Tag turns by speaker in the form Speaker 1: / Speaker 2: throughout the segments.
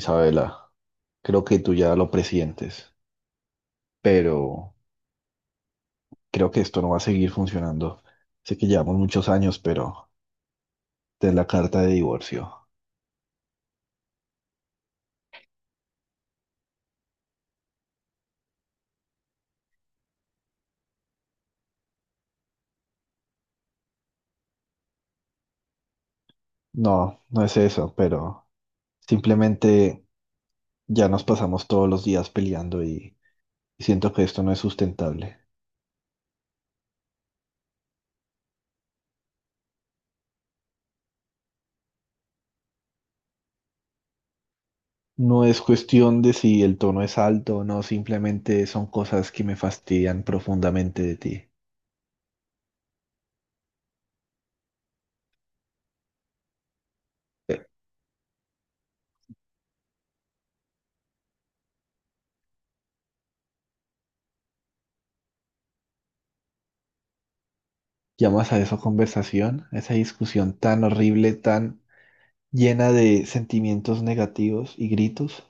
Speaker 1: Isabela, creo que tú ya lo presientes, pero creo que esto no va a seguir funcionando. Sé que llevamos muchos años, pero de la carta de divorcio. No, no es eso, pero simplemente ya nos pasamos todos los días peleando y siento que esto no es sustentable. No es cuestión de si el tono es alto o no, simplemente son cosas que me fastidian profundamente de ti. ¿Llamas a eso conversación? ¿A esa discusión tan horrible, tan llena de sentimientos negativos y gritos?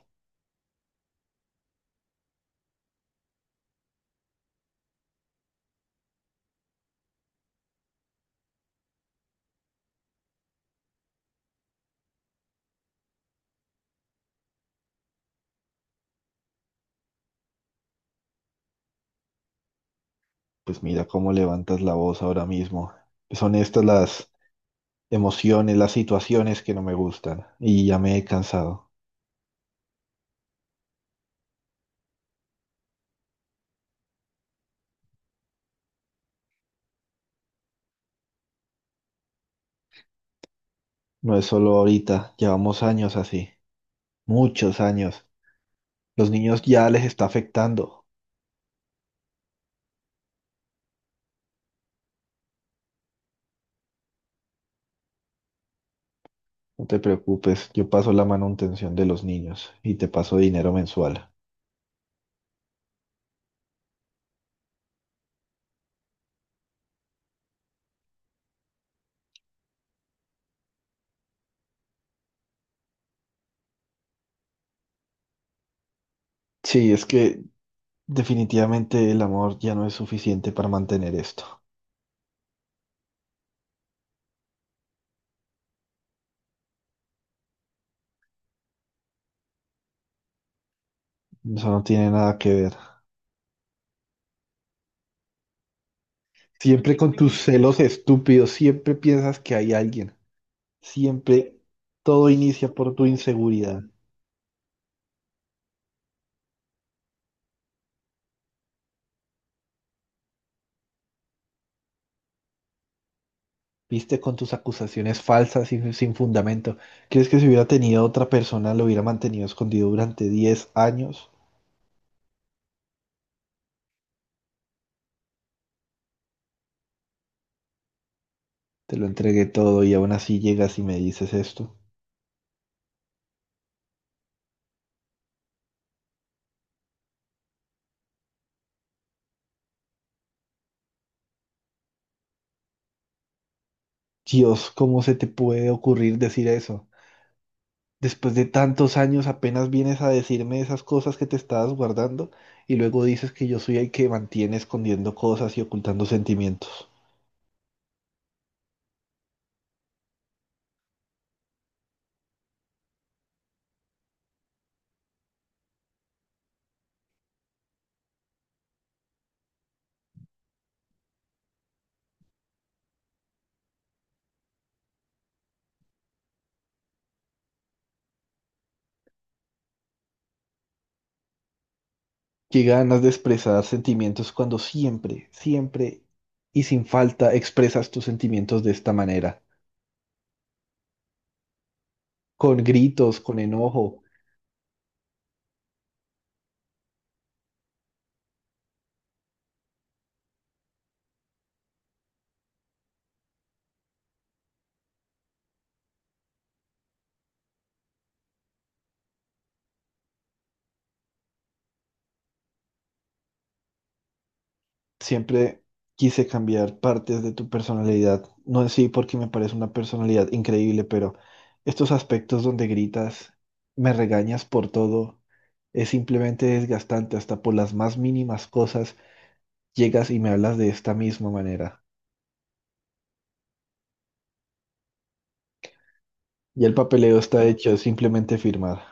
Speaker 1: Pues mira cómo levantas la voz ahora mismo. Son estas las emociones, las situaciones que no me gustan y ya me he cansado. No es solo ahorita, llevamos años así, muchos años. Los niños ya les está afectando. No te preocupes, yo paso la manutención de los niños y te paso dinero mensual. Sí, es que definitivamente el amor ya no es suficiente para mantener esto. Eso no tiene nada que ver. Siempre con tus celos estúpidos, siempre piensas que hay alguien. Siempre todo inicia por tu inseguridad. Viste con tus acusaciones falsas y sin fundamento. ¿Crees que si hubiera tenido otra persona lo hubiera mantenido escondido durante 10 años? Te lo entregué todo y aún así llegas y me dices esto. Dios, ¿cómo se te puede ocurrir decir eso? Después de tantos años apenas vienes a decirme esas cosas que te estabas guardando y luego dices que yo soy el que mantiene escondiendo cosas y ocultando sentimientos. Qué ganas de expresar sentimientos cuando siempre, siempre y sin falta expresas tus sentimientos de esta manera, con gritos, con enojo. Siempre quise cambiar partes de tu personalidad, no en sí porque me parece una personalidad increíble, pero estos aspectos donde gritas, me regañas por todo, es simplemente desgastante, hasta por las más mínimas cosas llegas y me hablas de esta misma manera. Y el papeleo está hecho, es simplemente firmar.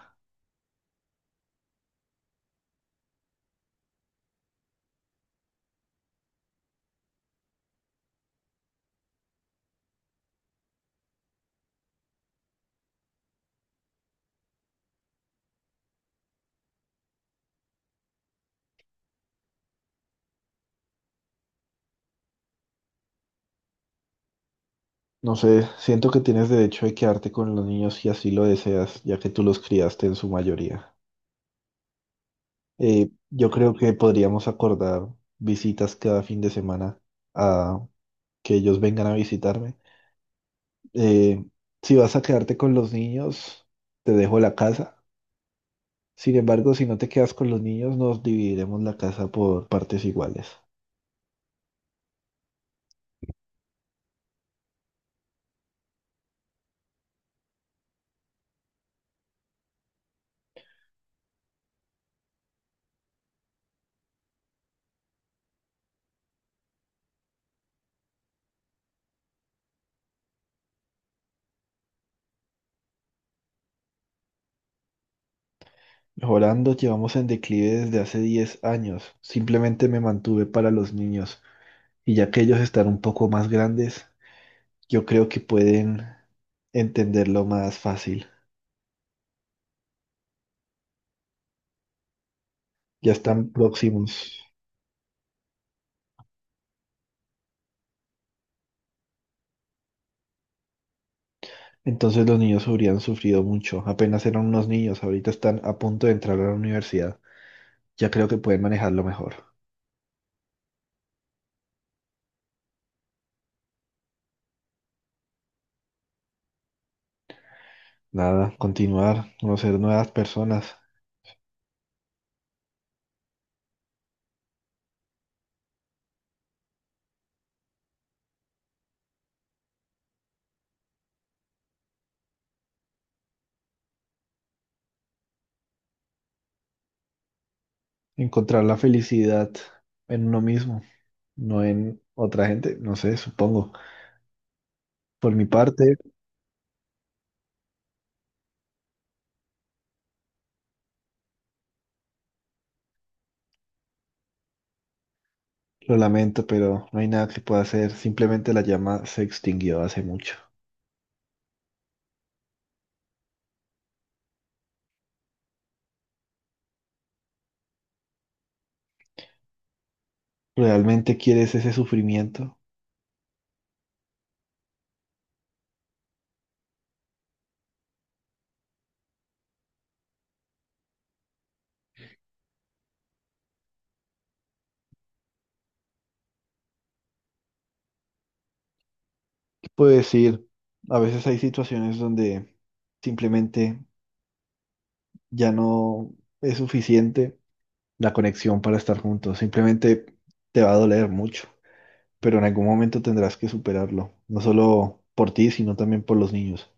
Speaker 1: No sé, siento que tienes derecho de quedarte con los niños si así lo deseas, ya que tú los criaste en su mayoría. Yo creo que podríamos acordar visitas cada fin de semana a que ellos vengan a visitarme. Eh, si vas a quedarte con los niños, te dejo la casa. Sin embargo, si no te quedas con los niños, nos dividiremos la casa por partes iguales. Mejorando, llevamos en declive desde hace 10 años. Simplemente me mantuve para los niños. Y ya que ellos están un poco más grandes, yo creo que pueden entenderlo más fácil. Ya están próximos. Entonces los niños habrían sufrido mucho. Apenas eran unos niños, ahorita están a punto de entrar a la universidad. Ya creo que pueden manejarlo mejor. Nada, continuar, conocer nuevas personas, encontrar la felicidad en uno mismo, no en otra gente, no sé, supongo. Por mi parte, lo lamento, pero no hay nada que pueda hacer. Simplemente la llama se extinguió hace mucho. ¿Realmente quieres ese sufrimiento? Pues ir, a veces hay situaciones donde simplemente ya no es suficiente la conexión para estar juntos, simplemente te va a doler mucho, pero en algún momento tendrás que superarlo, no solo por ti, sino también por los niños.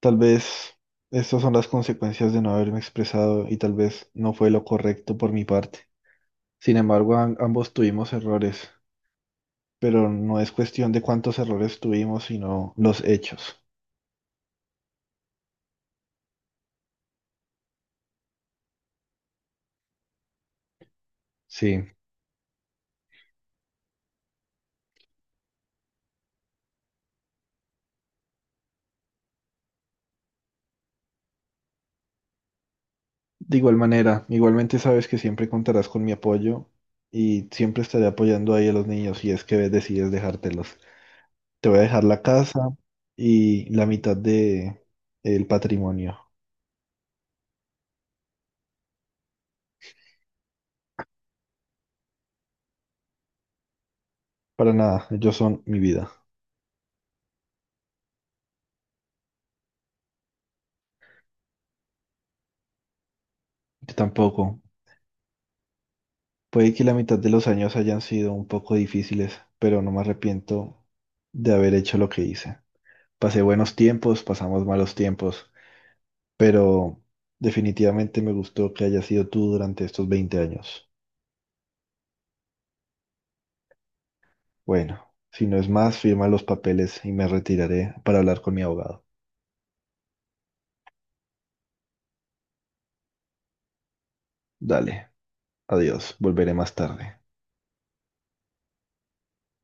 Speaker 1: Tal vez estas son las consecuencias de no haberme expresado y tal vez no fue lo correcto por mi parte. Sin embargo, ambos tuvimos errores, pero no es cuestión de cuántos errores tuvimos, sino los hechos. Sí. De igual manera, igualmente sabes que siempre contarás con mi apoyo y siempre estaré apoyando ahí a los niños si es que decides dejártelos. Te voy a dejar la casa y la mitad de el patrimonio. Para nada, ellos son mi vida. Yo tampoco. Puede que la mitad de los años hayan sido un poco difíciles, pero no me arrepiento de haber hecho lo que hice. Pasé buenos tiempos, pasamos malos tiempos, pero definitivamente me gustó que hayas sido tú durante estos 20 años. Bueno, si no es más, firma los papeles y me retiraré para hablar con mi abogado. Dale, adiós, volveré más tarde.